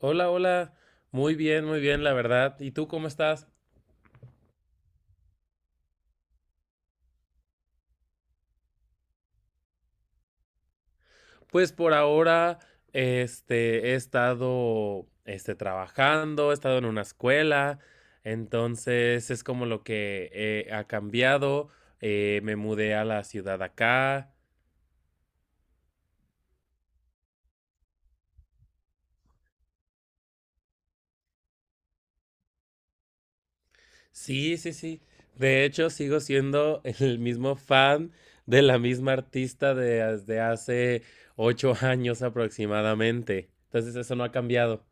Hola, hola. Muy bien, la verdad. ¿Y tú cómo estás? Pues por ahora, he estado, trabajando, he estado en una escuela, entonces es como lo que ha cambiado. Me mudé a la ciudad acá. Sí, sí, sí. De hecho, sigo siendo el mismo fan de la misma artista desde hace 8 años aproximadamente. Entonces eso no ha cambiado.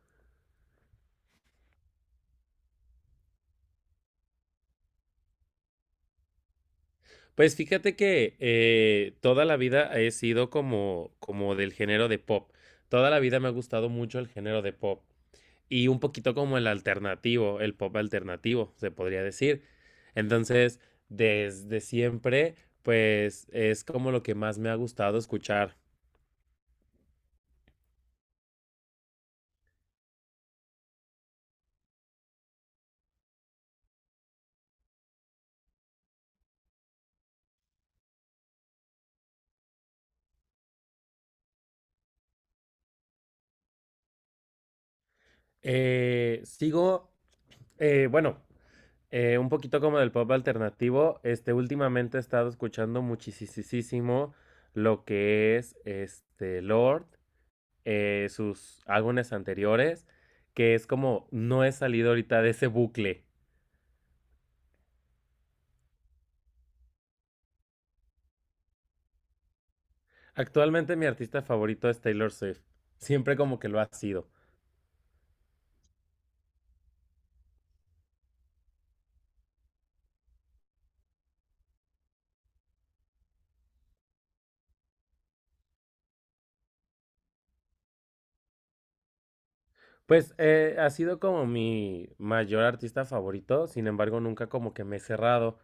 Pues fíjate que, toda la vida he sido como del género de pop. Toda la vida me ha gustado mucho el género de pop, y un poquito como el alternativo, el pop alternativo, se podría decir. Entonces, desde siempre, pues, es como lo que más me ha gustado escuchar. Sigo, bueno, un poquito como del pop alternativo, últimamente he estado escuchando muchisisísimo lo que es, Lord. Sus álbumes anteriores, que es como no he salido ahorita de ese bucle. Actualmente mi artista favorito es Taylor Swift. Siempre como que lo ha sido. Pues ha sido como mi mayor artista favorito, sin embargo nunca como que me he cerrado.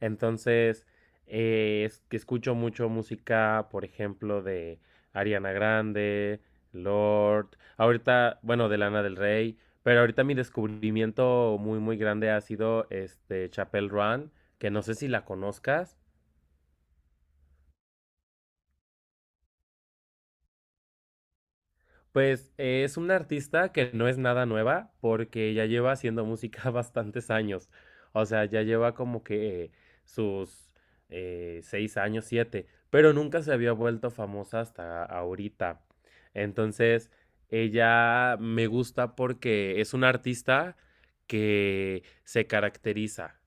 Entonces, es que escucho mucho música, por ejemplo, de Ariana Grande, Lord, ahorita, bueno, de Lana del Rey, pero ahorita mi descubrimiento muy, muy grande ha sido este Chapel Run, que no sé si la conozcas. Pues es una artista que no es nada nueva porque ya lleva haciendo música bastantes años. O sea, ya lleva como que sus 6 años, siete, pero nunca se había vuelto famosa hasta ahorita. Entonces, ella me gusta porque es una artista que se caracteriza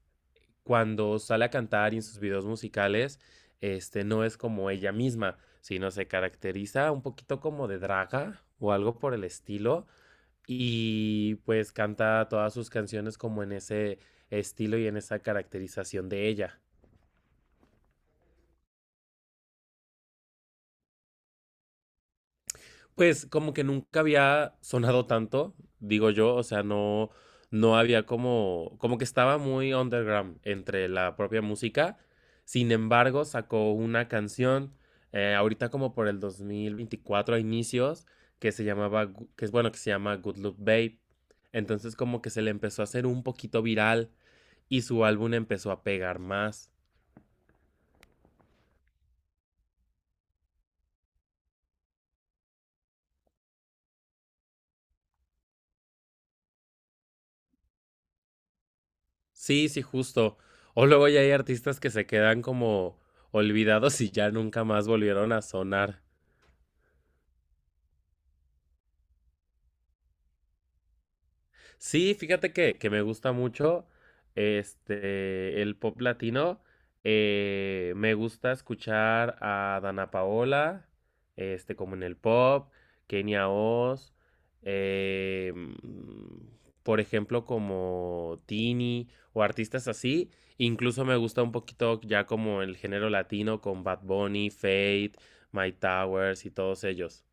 cuando sale a cantar y en sus videos musicales, no es como ella misma, sino se caracteriza un poquito como de draga o algo por el estilo. Y pues canta todas sus canciones como en ese estilo y en esa caracterización de ella. Pues como que nunca había sonado tanto, digo yo, o sea, no, no había como, como que estaba muy underground entre la propia música. Sin embargo, sacó una canción ahorita como por el 2024 a inicios, que se llamaba, que es bueno, que se llama Good Luck Babe. Entonces como que se le empezó a hacer un poquito viral y su álbum empezó a pegar más. Sí, sí, justo. O luego ya hay artistas que se quedan como olvidados y ya nunca más volvieron a sonar. Sí, fíjate que me gusta mucho este el pop latino. Me gusta escuchar a Dana Paola, como en el pop, Kenia Oz, eh, mm, por ejemplo, como Tini o artistas así. Incluso me gusta un poquito ya como el género latino con Bad Bunny, Fate, My Towers y todos ellos.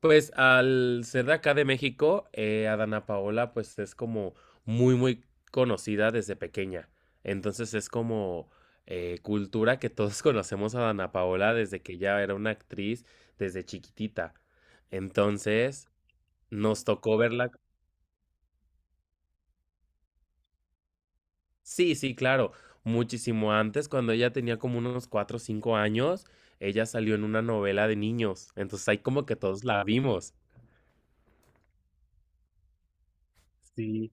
Pues al ser de acá de México, Adana Paola pues es como muy muy conocida desde pequeña. Entonces es como cultura que todos conocemos a Adana Paola desde que ya era una actriz desde chiquitita. Entonces nos tocó verla. Sí, sí, claro. Muchísimo antes, cuando ella tenía como unos cuatro o 5 años, ella salió en una novela de niños. Entonces ahí como que todos la vimos. Sí.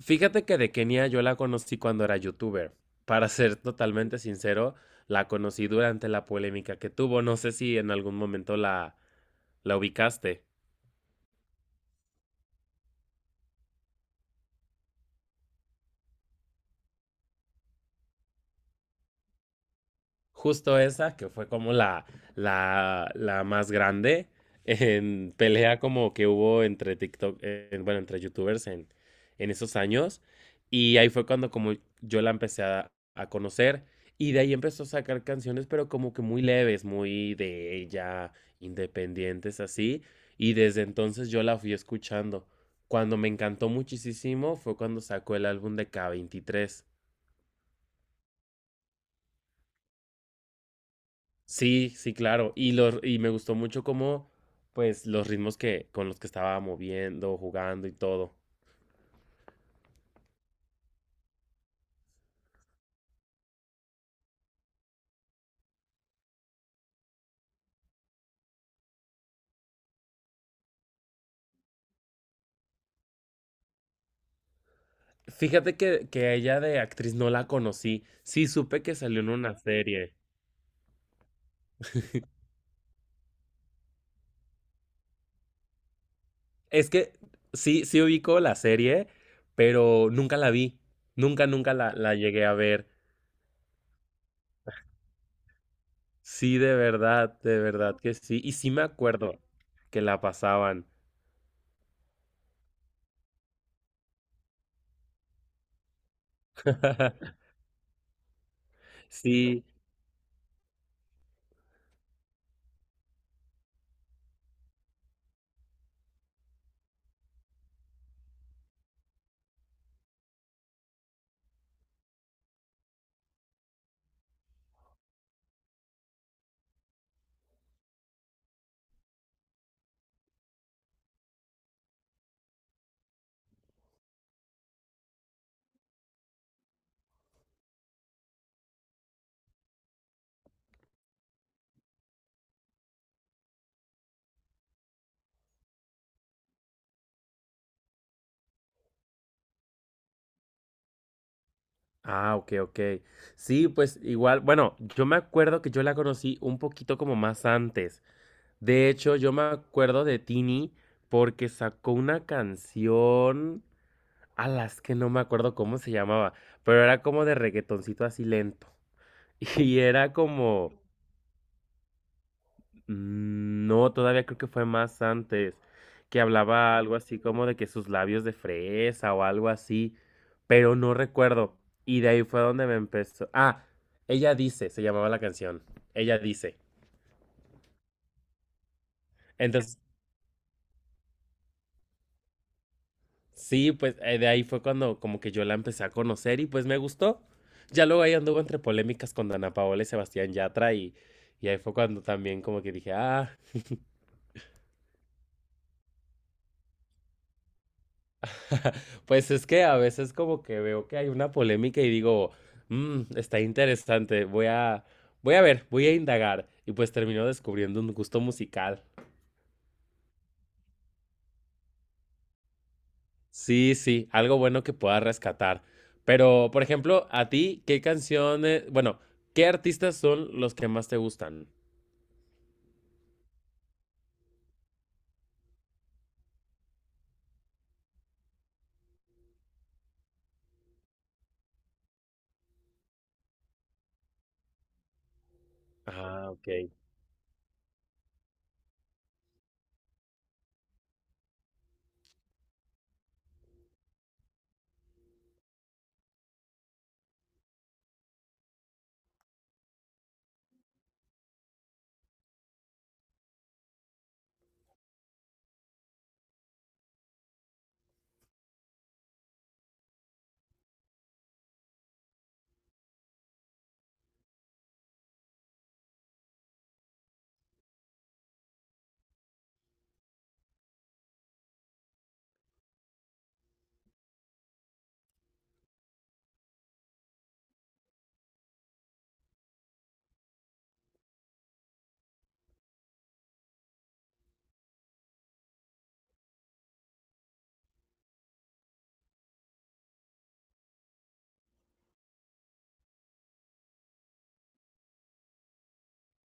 Fíjate que de Kenia yo la conocí cuando era youtuber. Para ser totalmente sincero, la conocí durante la polémica que tuvo. No sé si en algún momento la ubicaste. Justo esa, que fue como la más grande en pelea como que hubo entre TikTok, bueno, entre youtubers en esos años. Y ahí fue cuando como yo la empecé a conocer. Y de ahí empezó a sacar canciones, pero como que muy leves, muy de ella, independientes, así. Y desde entonces yo la fui escuchando. Cuando me encantó muchísimo fue cuando sacó el álbum de K23. Sí, sí, claro. Y los, y me gustó mucho cómo, pues, los ritmos que, con los que estaba moviendo, jugando y todo. Fíjate que a ella de actriz no la conocí. Sí, supe que salió en una serie. Es que sí, sí ubico la serie, pero nunca la vi. Nunca, nunca la llegué a ver. Sí, de verdad que sí. Y sí me acuerdo que la pasaban. Sí. Ah, ok, ok. Sí, pues igual, bueno, yo me acuerdo que yo la conocí un poquito como más antes. De hecho, yo me acuerdo de Tini porque sacó una canción a las que no me acuerdo cómo se llamaba, pero era como de reggaetoncito así lento. Y era como, Mm, no, todavía creo que fue más antes, que hablaba algo así como de que sus labios de fresa o algo así, pero no recuerdo. Y de ahí fue donde me empezó. Ah, ella dice, se llamaba la canción. Ella dice. Entonces, sí, pues de ahí fue cuando como que yo la empecé a conocer y pues me gustó. Ya luego ahí anduvo entre polémicas con Dana Paola y Sebastián Yatra y ahí fue cuando también como que dije, ah. Pues es que a veces como que veo que hay una polémica y digo, "Mm, está interesante, voy voy a ver, voy a indagar". Y pues termino descubriendo un gusto musical. Sí, sí, algo bueno que pueda rescatar. Pero, por ejemplo, a ti, ¿qué canciones, bueno, qué artistas son los que más te gustan? Ah, ok.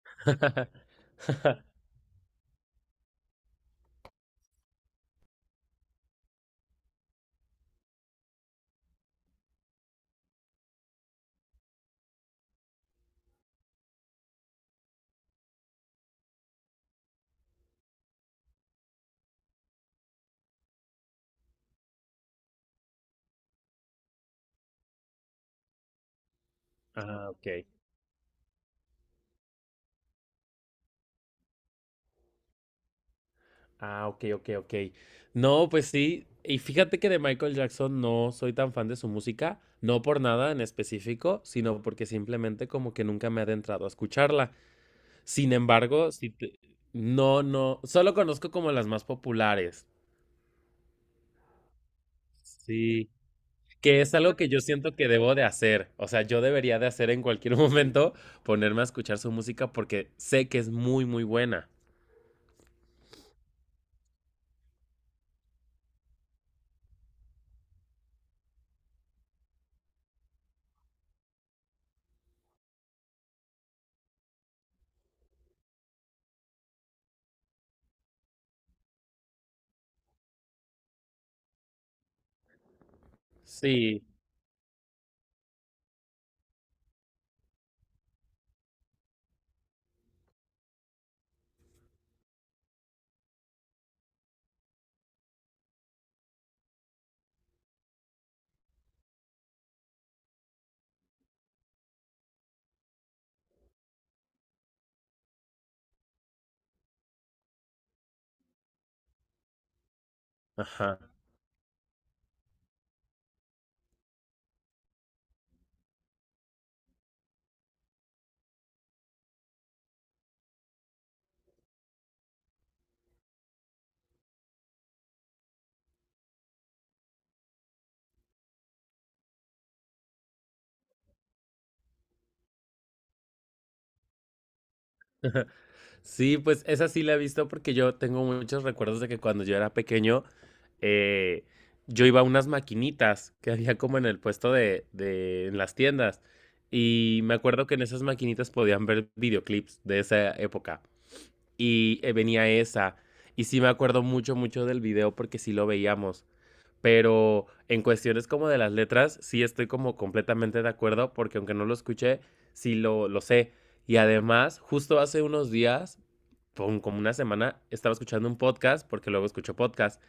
Ah, ok. Ah, ok, ok, ok. No, pues sí. Y fíjate que de Michael Jackson no soy tan fan de su música, no por nada en específico, sino porque simplemente como que nunca me he adentrado a escucharla. Sin embargo, no, no, solo conozco como las más populares. Sí, que es algo que yo siento que debo de hacer. O sea, yo debería de hacer en cualquier momento ponerme a escuchar su música porque sé que es muy, muy buena. Sí. Ajá. Sí, pues esa sí la he visto porque yo tengo muchos recuerdos de que cuando yo era pequeño, eh, yo iba a unas maquinitas que había como en el puesto de en las tiendas. Y me acuerdo que en esas maquinitas podían ver videoclips de esa época. Y venía esa. Y sí me acuerdo mucho, mucho del video porque sí lo veíamos. Pero en cuestiones como de las letras, sí estoy como completamente de acuerdo porque aunque no lo escuché, sí lo sé. Y además, justo hace unos días por como una semana estaba escuchando un podcast, porque luego escucho podcast,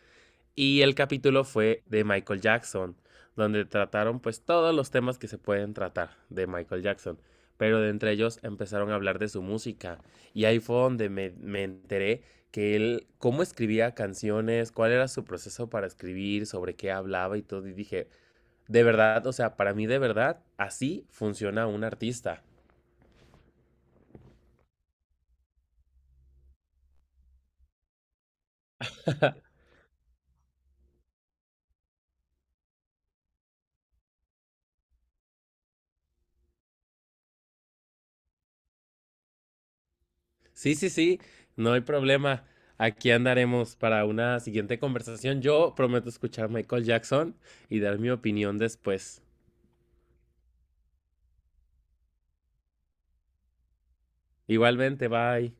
y el capítulo fue de Michael Jackson, donde trataron pues todos los temas que se pueden tratar de Michael Jackson, pero de entre ellos empezaron a hablar de su música, y ahí fue donde me enteré que él, cómo escribía canciones, cuál era su proceso para escribir, sobre qué hablaba y todo, y dije, de verdad, o sea, para mí de verdad, así funciona un artista. Sí, sí, sí, no hay problema. Aquí andaremos para una siguiente conversación. Yo prometo escuchar Michael Jackson y dar mi opinión después. Igualmente, bye.